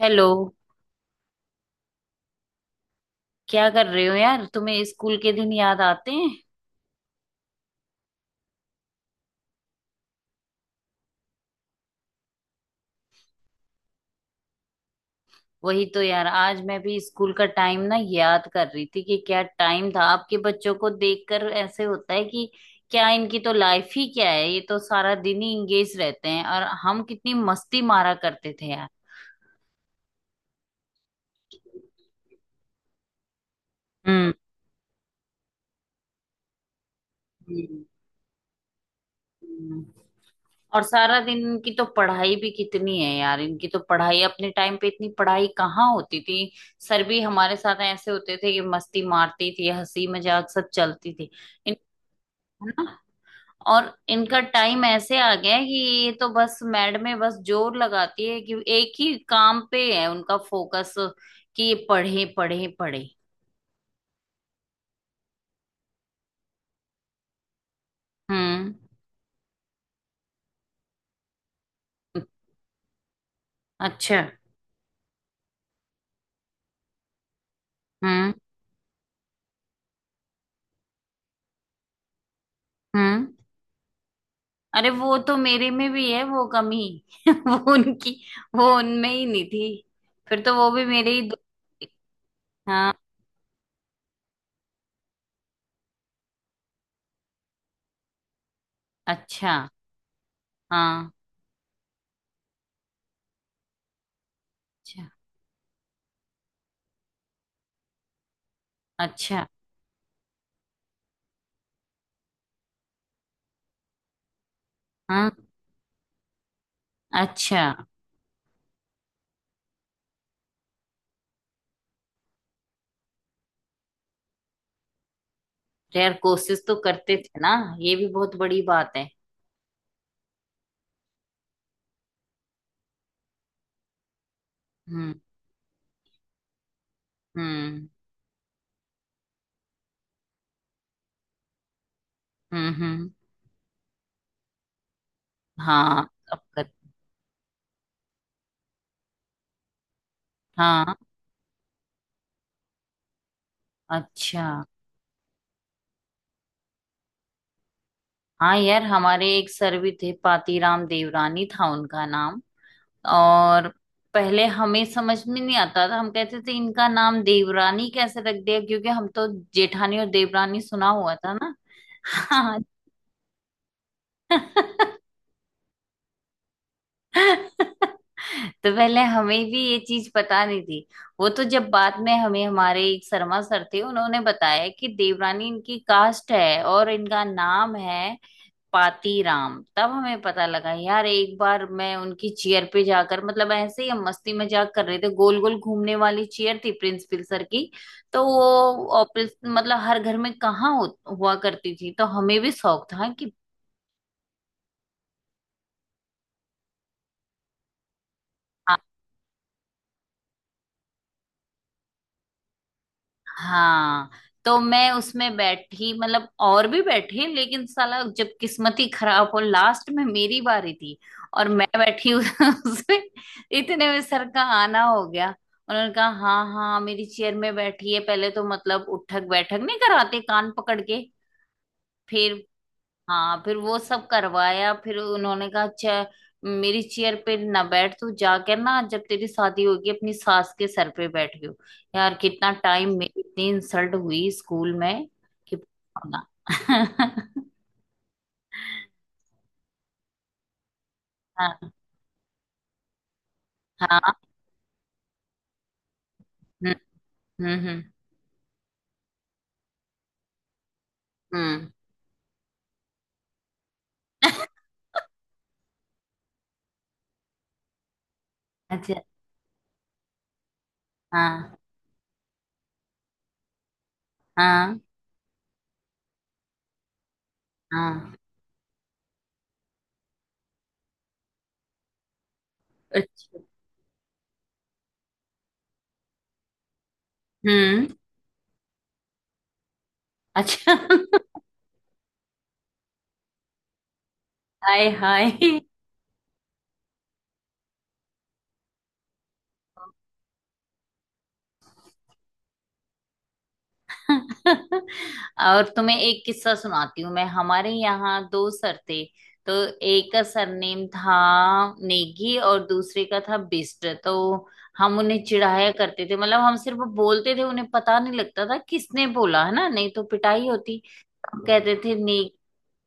Hello. क्या कर रहे हो यार, तुम्हें स्कूल के दिन याद आते हैं? वही तो यार, आज मैं भी स्कूल का टाइम ना याद कर रही थी कि क्या टाइम था। आपके बच्चों को देखकर ऐसे होता है कि क्या इनकी तो लाइफ ही क्या है, ये तो सारा दिन ही इंगेज रहते हैं, और हम कितनी मस्ती मारा करते थे यार। हम्म। हम्म। और सारा दिन इनकी तो पढ़ाई भी कितनी है यार, इनकी तो पढ़ाई, अपने टाइम पे इतनी पढ़ाई कहाँ होती थी। सर भी हमारे साथ ऐसे होते थे कि मस्ती मारती थी, हंसी मजाक सब चलती थी। इन है ना। और इनका टाइम ऐसे आ गया है कि ये तो बस मैडमें बस जोर लगाती है कि एक ही काम पे है उनका फोकस, कि ये पढ़े पढ़े पढ़े। हम्म। अच्छा। हम्म। हम्म। अरे वो तो मेरे में भी है वो कमी। वो उनकी वो उनमें ही नहीं थी। फिर तो वो भी मेरे ही दो। हाँ। अच्छा। हाँ। अच्छा। अच्छा। हाँ। अच्छा। तो यार कोशिश तो करते थे ना। ये भी बहुत बड़ी बात है। हम्म। हम्म। हम्म। हम्म। हाँ, अब कर। हाँ। अच्छा। हाँ यार, हमारे एक सर भी थे, पातीराम देवरानी था उनका नाम। और पहले हमें समझ में नहीं आता था, हम कहते थे इनका नाम देवरानी कैसे रख दिया, क्योंकि हम तो जेठानी और देवरानी सुना हुआ था ना। हाँ। तो पहले हमें भी ये चीज पता नहीं थी। वो तो जब बाद में, हमें हमारे एक शर्मा सर थे, उन्होंने बताया कि देवरानी इनकी कास्ट है और इनका नाम है पातीराम, तब हमें पता लगा। यार एक बार मैं उनकी चेयर पे जाकर, मतलब ऐसे ही हम मस्ती मजाक कर रहे थे, गोल गोल घूमने वाली चेयर थी प्रिंसिपल सर की। तो वो ऑफिस, मतलब हर घर में कहाँ हो, हुआ करती थी, तो हमें भी शौक था कि हाँ, हाँ तो मैं उसमें बैठी, मतलब और भी बैठे, लेकिन साला जब किस्मत ही खराब हो, लास्ट में मेरी बारी थी, और मैं बैठी उसमें। इतने में सर का आना हो गया। उन्होंने कहा हाँ हाँ, मेरी चेयर में बैठी है, पहले तो मतलब उठक बैठक नहीं कराते कान पकड़ के, फिर हाँ, फिर वो सब करवाया, फिर उन्होंने कहा, अच्छा मेरी चेयर पे ना बैठ, तू जाकर ना, जब तेरी शादी होगी अपनी सास के सर पे बैठ गयो। यार कितना टाइम, मेरी इतनी इंसल्ट हुई स्कूल में कि पूछो ना। हाँ हाँ। हम्म। हम्म। हम्म। अच्छा। हाँ हाँ हाँ। अच्छा। हम्म। अच्छा। हाय हाय। और तुम्हें एक किस्सा सुनाती हूँ, मैं हमारे यहाँ दो सर थे। तो एक का सरनेम था नेगी और दूसरे का था बिस्ट। तो हम उन्हें चिढ़ाया करते थे, मतलब हम सिर्फ बोलते थे, उन्हें पता नहीं लगता था किसने बोला है ना, नहीं तो पिटाई होती। हम कहते थे ने।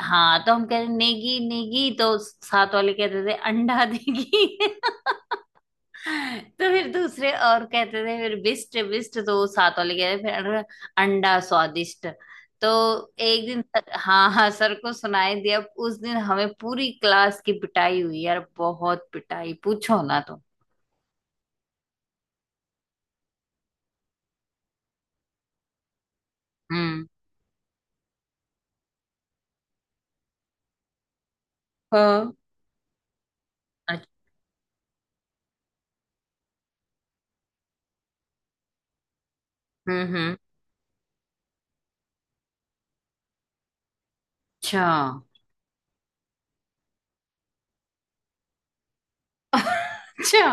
हाँ तो हम कहते नेगी नेगी, तो साथ वाले कहते थे अंडा देगी। तो फिर दूसरे और कहते थे फिर बिस्ट बिस्ट, तो वो साथ वाले कह रहे फिर अंडा स्वादिष्ट। तो एक दिन हाँ हाँ, सर को सुनाई दिया। उस दिन हमें पूरी क्लास की पिटाई हुई यार, बहुत पिटाई, पूछो ना तो। हम्म। हाँ। अच्छा। हम्म। हम्म। अच्छा। अच्छा।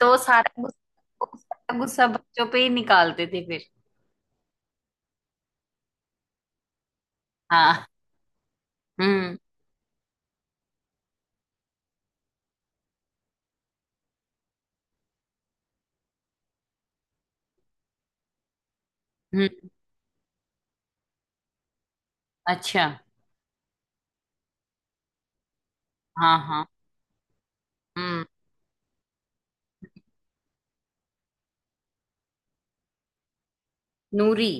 तो वो सारा गुस्सा, वो सारा गुस्सा बच्चों पे ही निकालते थे फिर। हाँ। हम्म। हम्म। अच्छा। हाँ हाँ। हम्म। नूरी।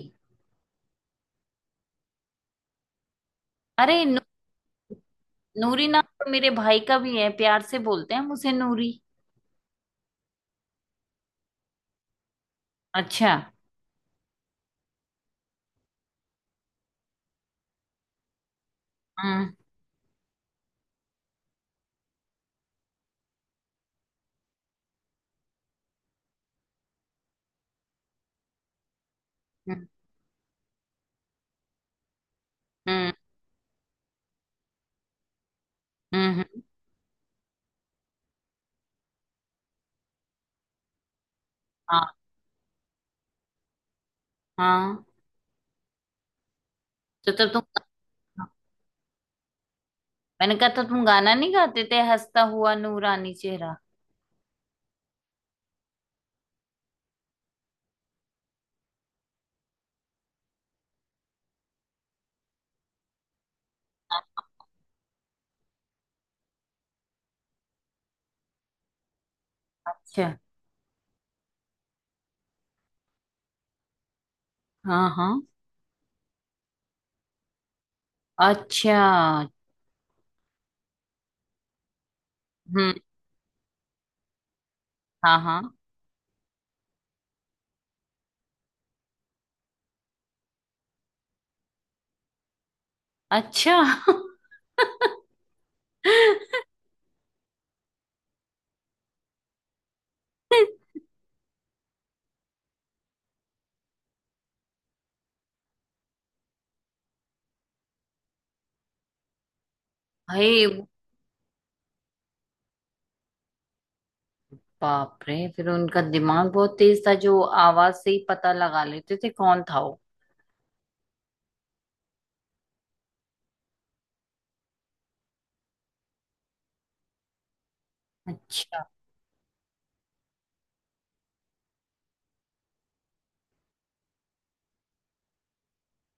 अरे, नूरी नाम तो मेरे भाई का भी है, प्यार से बोलते हैं मुझे नूरी। अच्छा। हम्म। हम्म। हम्म। हम्म। हम्म। हाँ हाँ। तो तब तुम मैंने कहा, तो तुम गाना नहीं गाते थे, हंसता हुआ नूरानी चेहरा? अच्छा। हाँ हाँ। अच्छा। हम्म। हाँ हाँ। अच्छा। भाई बाप रे, फिर उनका दिमाग बहुत तेज था, जो आवाज से ही पता लगा लेते थे कौन था वो। अच्छा।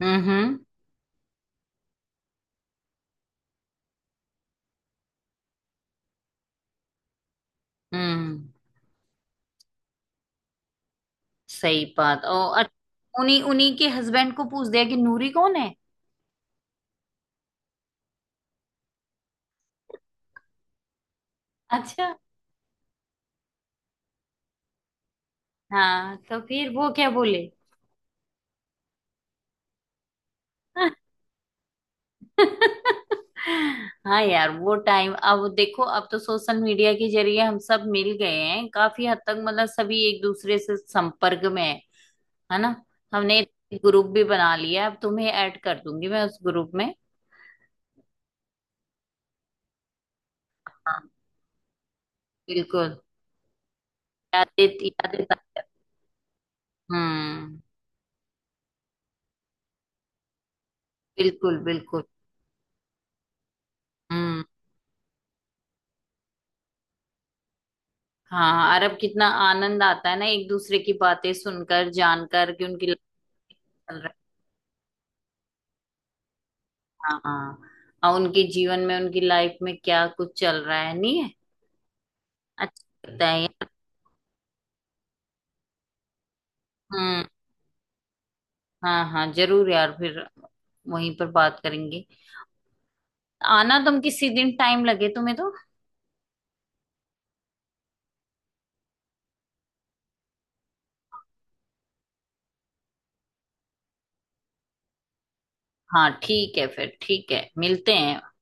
हम्म। हम्म। हम्म। सही बात। ओ अच्छा, उन्हीं उन्हीं के हस्बैंड को पूछ दिया कि नूरी कौन है? अच्छा। हाँ तो फिर वो क्या बोले? हाँ यार वो टाइम, अब देखो अब तो सोशल मीडिया के जरिए हम सब मिल गए हैं काफी हद तक, मतलब सभी एक दूसरे से संपर्क में है। है ना। हमने ग्रुप भी बना लिया है, अब तुम्हें ऐड कर दूंगी मैं उस ग्रुप में। हाँ। बिल्कुल। यादें यादें ताजा- हम्म। बिल्कुल बिल्कुल। हम्म। हाँ, अरब कितना आनंद आता है ना, एक दूसरे की बातें सुनकर जानकर कि उनकी लाइफ चल रहा है। हाँ हाँ, और उनके जीवन में, उनकी लाइफ में क्या कुछ चल रहा है नहीं है। अच्छा लगता है यार। हम्म। हाँ हाँ जरूर यार, फिर वहीं पर बात करेंगे। आना तुम किसी दिन, टाइम लगे तुम्हें तो। हाँ ठीक है, फिर ठीक है, मिलते हैं।